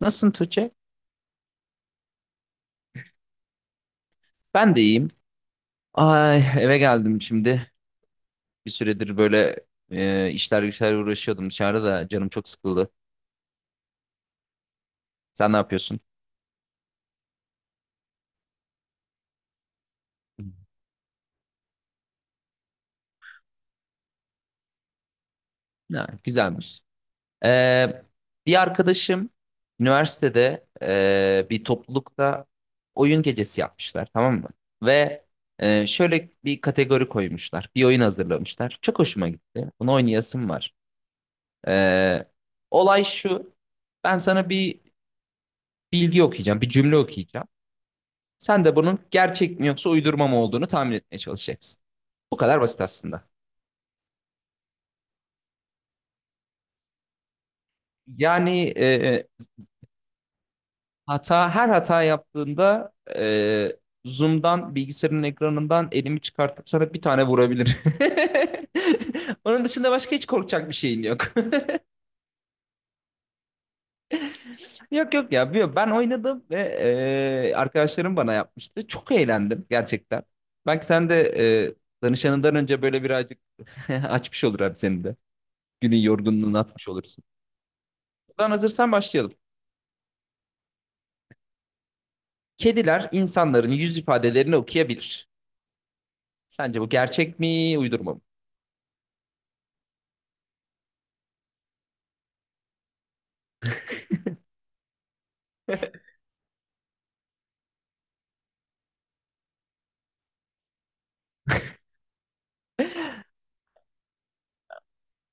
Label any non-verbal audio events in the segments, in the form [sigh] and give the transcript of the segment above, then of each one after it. Nasılsın Tuğçe? Ben de iyiyim. Ay eve geldim şimdi. Bir süredir böyle işler güçler uğraşıyordum, dışarıda da canım çok sıkıldı. Sen ne yapıyorsun? Ha, güzelmiş. Ee, bir arkadaşım üniversitede bir toplulukta oyun gecesi yapmışlar, tamam mı? Ve şöyle bir kategori koymuşlar. Bir oyun hazırlamışlar. Çok hoşuma gitti. Bunu oynayasım var. Ee, olay şu. Ben sana bir bilgi okuyacağım. Bir cümle okuyacağım. Sen de bunun gerçek mi yoksa uydurma mı olduğunu tahmin etmeye çalışacaksın. Bu kadar basit aslında. Yani her hata yaptığında Zoom'dan bilgisayarın ekranından elimi çıkartıp sana bir tane vurabilir. [laughs] Onun dışında başka hiç korkacak bir şeyin yok. [laughs] Yok yok ya, ben oynadım ve arkadaşlarım bana yapmıştı. Çok eğlendim gerçekten. Belki sen de danışanından önce böyle birazcık [laughs] açmış olur abi senin de. Günün yorgunluğunu atmış olursun. Ben hazırsan başlayalım. Kediler insanların yüz ifadelerini okuyabilir. Sence bu gerçek mi, uydurma mı? [laughs]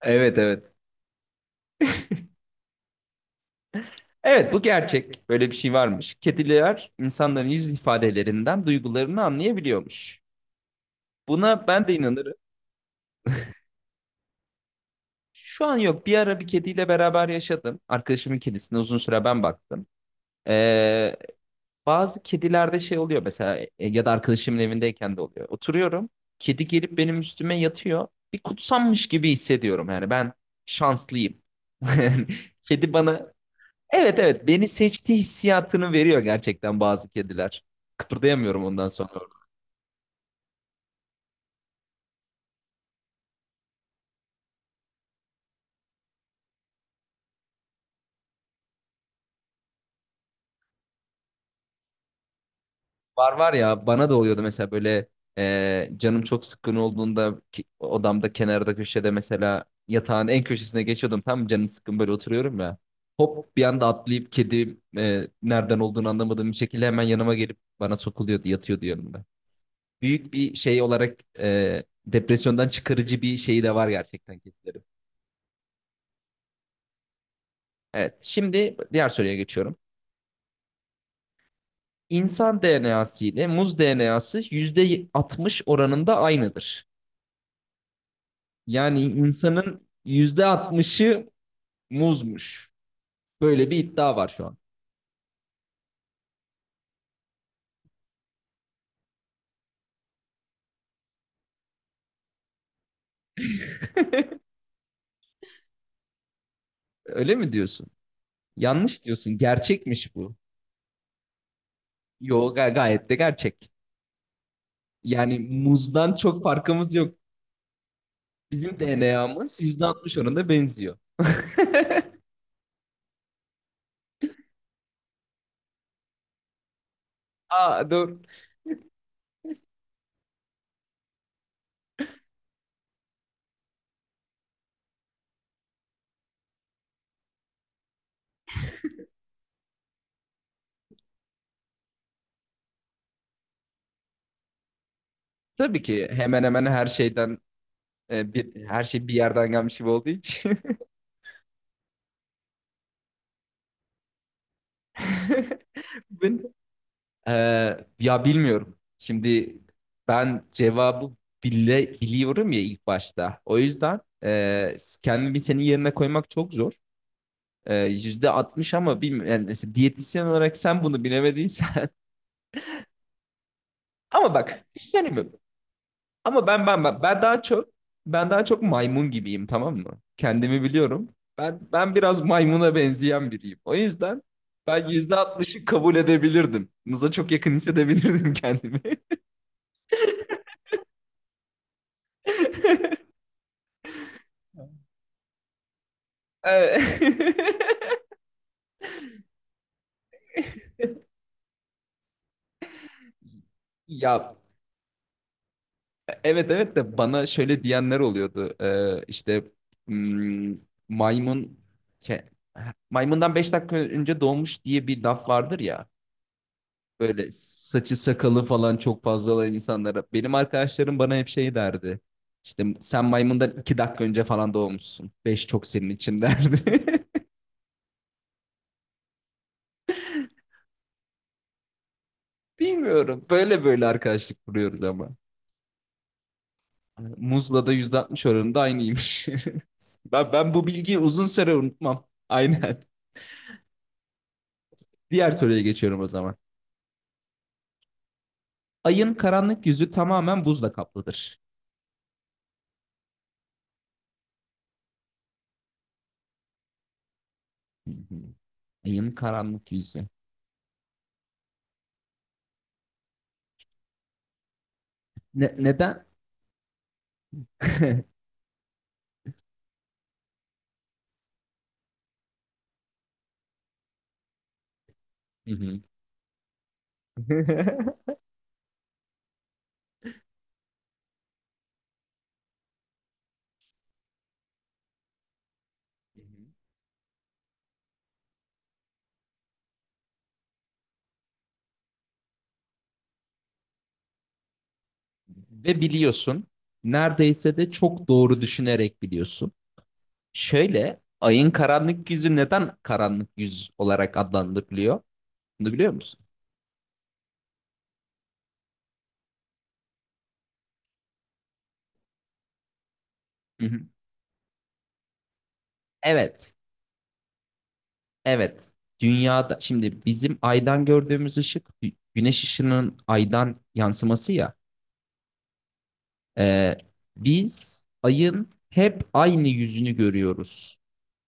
Evet evet. Evet, bu gerçek. Böyle bir şey varmış. Kediler insanların yüz ifadelerinden duygularını anlayabiliyormuş. Buna ben de inanırım. Şu an yok. Bir ara bir kediyle beraber yaşadım. Arkadaşımın kedisine uzun süre ben baktım. Ee, Bazı kedilerde şey oluyor mesela, ya da arkadaşımın evindeyken de oluyor. Oturuyorum. Kedi gelip benim üstüme yatıyor. Bir kutsanmış gibi hissediyorum. Yani ben şanslıyım. [laughs] Yani kedi bana, evet evet, beni seçti hissiyatını veriyor gerçekten bazı kediler. Kıpırdayamıyorum ondan sonra. Var var ya, bana da oluyordu mesela böyle canım çok sıkkın olduğunda, odamda kenarda köşede mesela yatağın en köşesine geçiyordum, tam canım sıkkın böyle oturuyorum ya. Hop bir anda atlayıp kedi nereden olduğunu anlamadığım bir şekilde hemen yanıma gelip bana sokuluyordu, yatıyordu yanımda. Büyük bir şey olarak depresyondan çıkarıcı bir şeyi de var gerçekten kedilerin. Evet, şimdi diğer soruya geçiyorum. İnsan DNA'sı ile muz DNA'sı %60 oranında aynıdır. Yani insanın %60'ı muzmuş. Böyle bir iddia var şu an. Öyle mi diyorsun? Yanlış diyorsun. Gerçekmiş bu. Yo, gayet de gerçek. Yani muzdan çok farkımız yok. Bizim DNA'mız %60 oranında benziyor. [laughs] Aa, dur. Tabii ki hemen hemen her şeyden, her şey bir yerden gelmiş gibi olduğu için. [laughs] Ben, ya bilmiyorum. Şimdi ben cevabı bile biliyorum ya ilk başta. O yüzden kendimi senin yerine koymak çok zor. E, yüzde %60 ama bilmiyorum. Yani mesela diyetisyen olarak sen bunu bilemediysen. [laughs] Ama bak bir şey söyleyeyim mi? Ama ben daha çok maymun gibiyim, tamam mı? Kendimi biliyorum. Ben biraz maymuna benzeyen biriyim. O yüzden ben %60'ı kabul edebilirdim. Mıza çok yakın hissedebilirdim kendimi. [laughs] Evet. [laughs] Ya evet evet de bana şöyle diyenler oluyordu. İşte hmm, maymun ke- maymundan 5 dakika önce doğmuş diye bir laf vardır ya. Böyle saçı sakalı falan çok fazla olan insanlara. Benim arkadaşlarım bana hep şey derdi. İşte sen maymundan 2 dakika önce falan doğmuşsun. Beş çok senin için derdi. [laughs] Bilmiyorum. Böyle böyle arkadaşlık kuruyoruz ama. Muzla da %60 oranında aynıymış. [laughs] Ben bu bilgiyi uzun süre unutmam. Aynen. Diğer soruya geçiyorum o zaman. Ayın karanlık yüzü tamamen buzla kaplıdır. Hı hı. Ayın karanlık yüzü. Neden? [laughs] Hı hı. [laughs] Ve biliyorsun, neredeyse de çok doğru düşünerek biliyorsun. Şöyle, ayın karanlık yüzü neden karanlık yüz olarak adlandırılıyor? Bunu biliyor musun? Hı hı. Evet. Evet. Dünyada şimdi bizim aydan gördüğümüz ışık, güneş ışının aydan yansıması ya. Ee, biz ayın hep aynı yüzünü görüyoruz.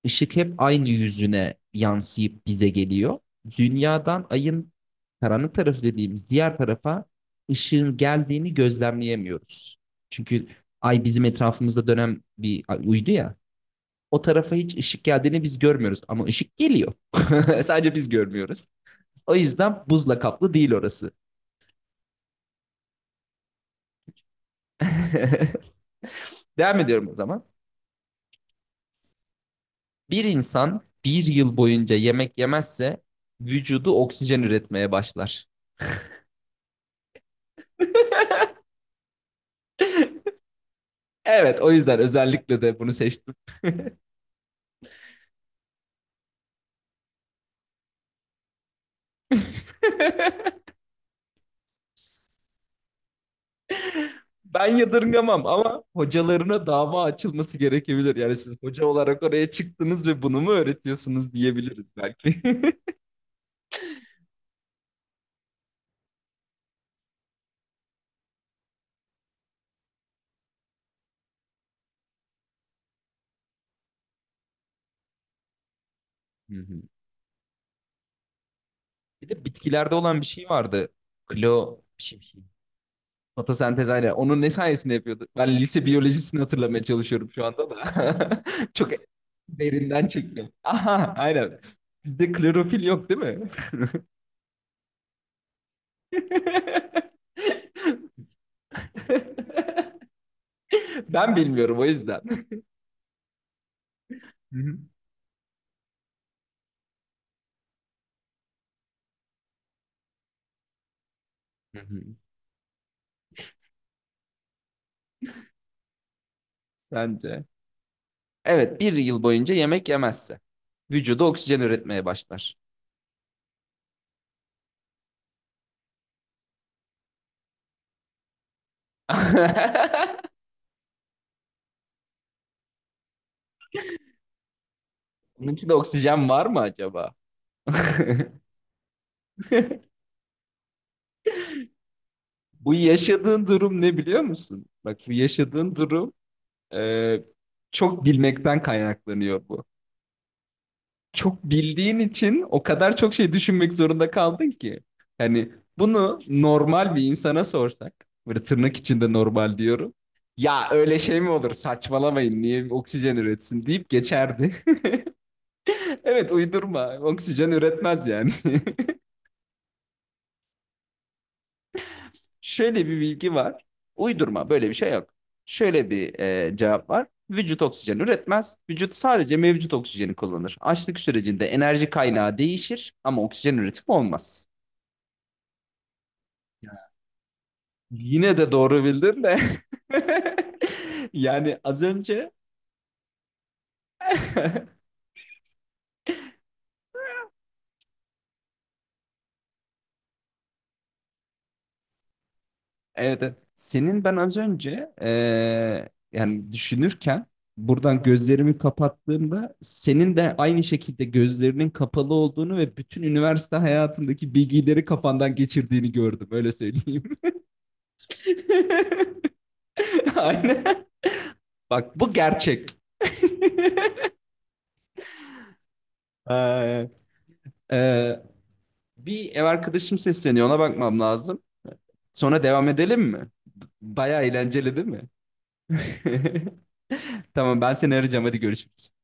Işık hep aynı yüzüne yansıyıp bize geliyor. Dünyadan ayın karanlık tarafı dediğimiz diğer tarafa ışığın geldiğini gözlemleyemiyoruz. Çünkü ay bizim etrafımızda dönen bir uydu ya. O tarafa hiç ışık geldiğini biz görmüyoruz ama ışık geliyor. [laughs] Sadece biz görmüyoruz. O yüzden buzla kaplı değil orası. [laughs] Devam ediyorum o zaman. Bir insan bir yıl boyunca yemek yemezse vücudu oksijen üretmeye başlar. Evet, o yüzden özellikle de bunu seçtim. [laughs] Ben yadırgamam ama hocalarına dava açılması gerekebilir. Yani siz hoca olarak oraya çıktınız ve bunu mu öğretiyorsunuz diyebiliriz belki. [laughs] Bir de bitkilerde olan bir şey vardı. Klo bir şey. Fotosentez aynen. Onun ne sayesinde yapıyordu? Ben lise biyolojisini hatırlamaya çalışıyorum şu anda da. [laughs] Çok derinden çektim. Aha, aynen. Bizde klorofil yok, değil mi? [laughs] Ben bilmiyorum o yüzden. Hı hı. Hı hı. Sence? Evet, bir yıl boyunca yemek yemezse vücuda oksijen üretmeye başlar. [laughs] Bunun için oksijen var mı acaba? [laughs] Bu yaşadığın durum ne biliyor musun? Bak, bu yaşadığın durum Ee, çok bilmekten kaynaklanıyor bu. Çok bildiğin için o kadar çok şey düşünmek zorunda kaldın ki. Hani bunu normal bir insana sorsak, böyle tırnak içinde normal diyorum. Ya öyle şey mi olur? Saçmalamayın. Niye oksijen üretsin deyip geçerdi. [laughs] Evet, uydurma. Oksijen üretmez yani. [laughs] Şöyle bir bilgi var. Uydurma, böyle bir şey yok. Şöyle bir cevap var. Vücut oksijen üretmez. Vücut sadece mevcut oksijeni kullanır. Açlık sürecinde enerji kaynağı değişir ama oksijen üretimi olmaz. Yine de doğru bildin de. [laughs] Yani az önce [laughs] evet, evet. Senin ben az önce yani düşünürken buradan gözlerimi kapattığımda senin de aynı şekilde gözlerinin kapalı olduğunu ve bütün üniversite hayatındaki bilgileri kafandan geçirdiğini gördüm. Öyle söyleyeyim. [laughs] Aynen. Bak, bu gerçek. Eee, eee, bir ev arkadaşım sesleniyor. Ona bakmam lazım. Sonra devam edelim mi? Bayağı eğlenceli değil mi? [laughs] Tamam, ben seni arayacağım. Hadi görüşürüz.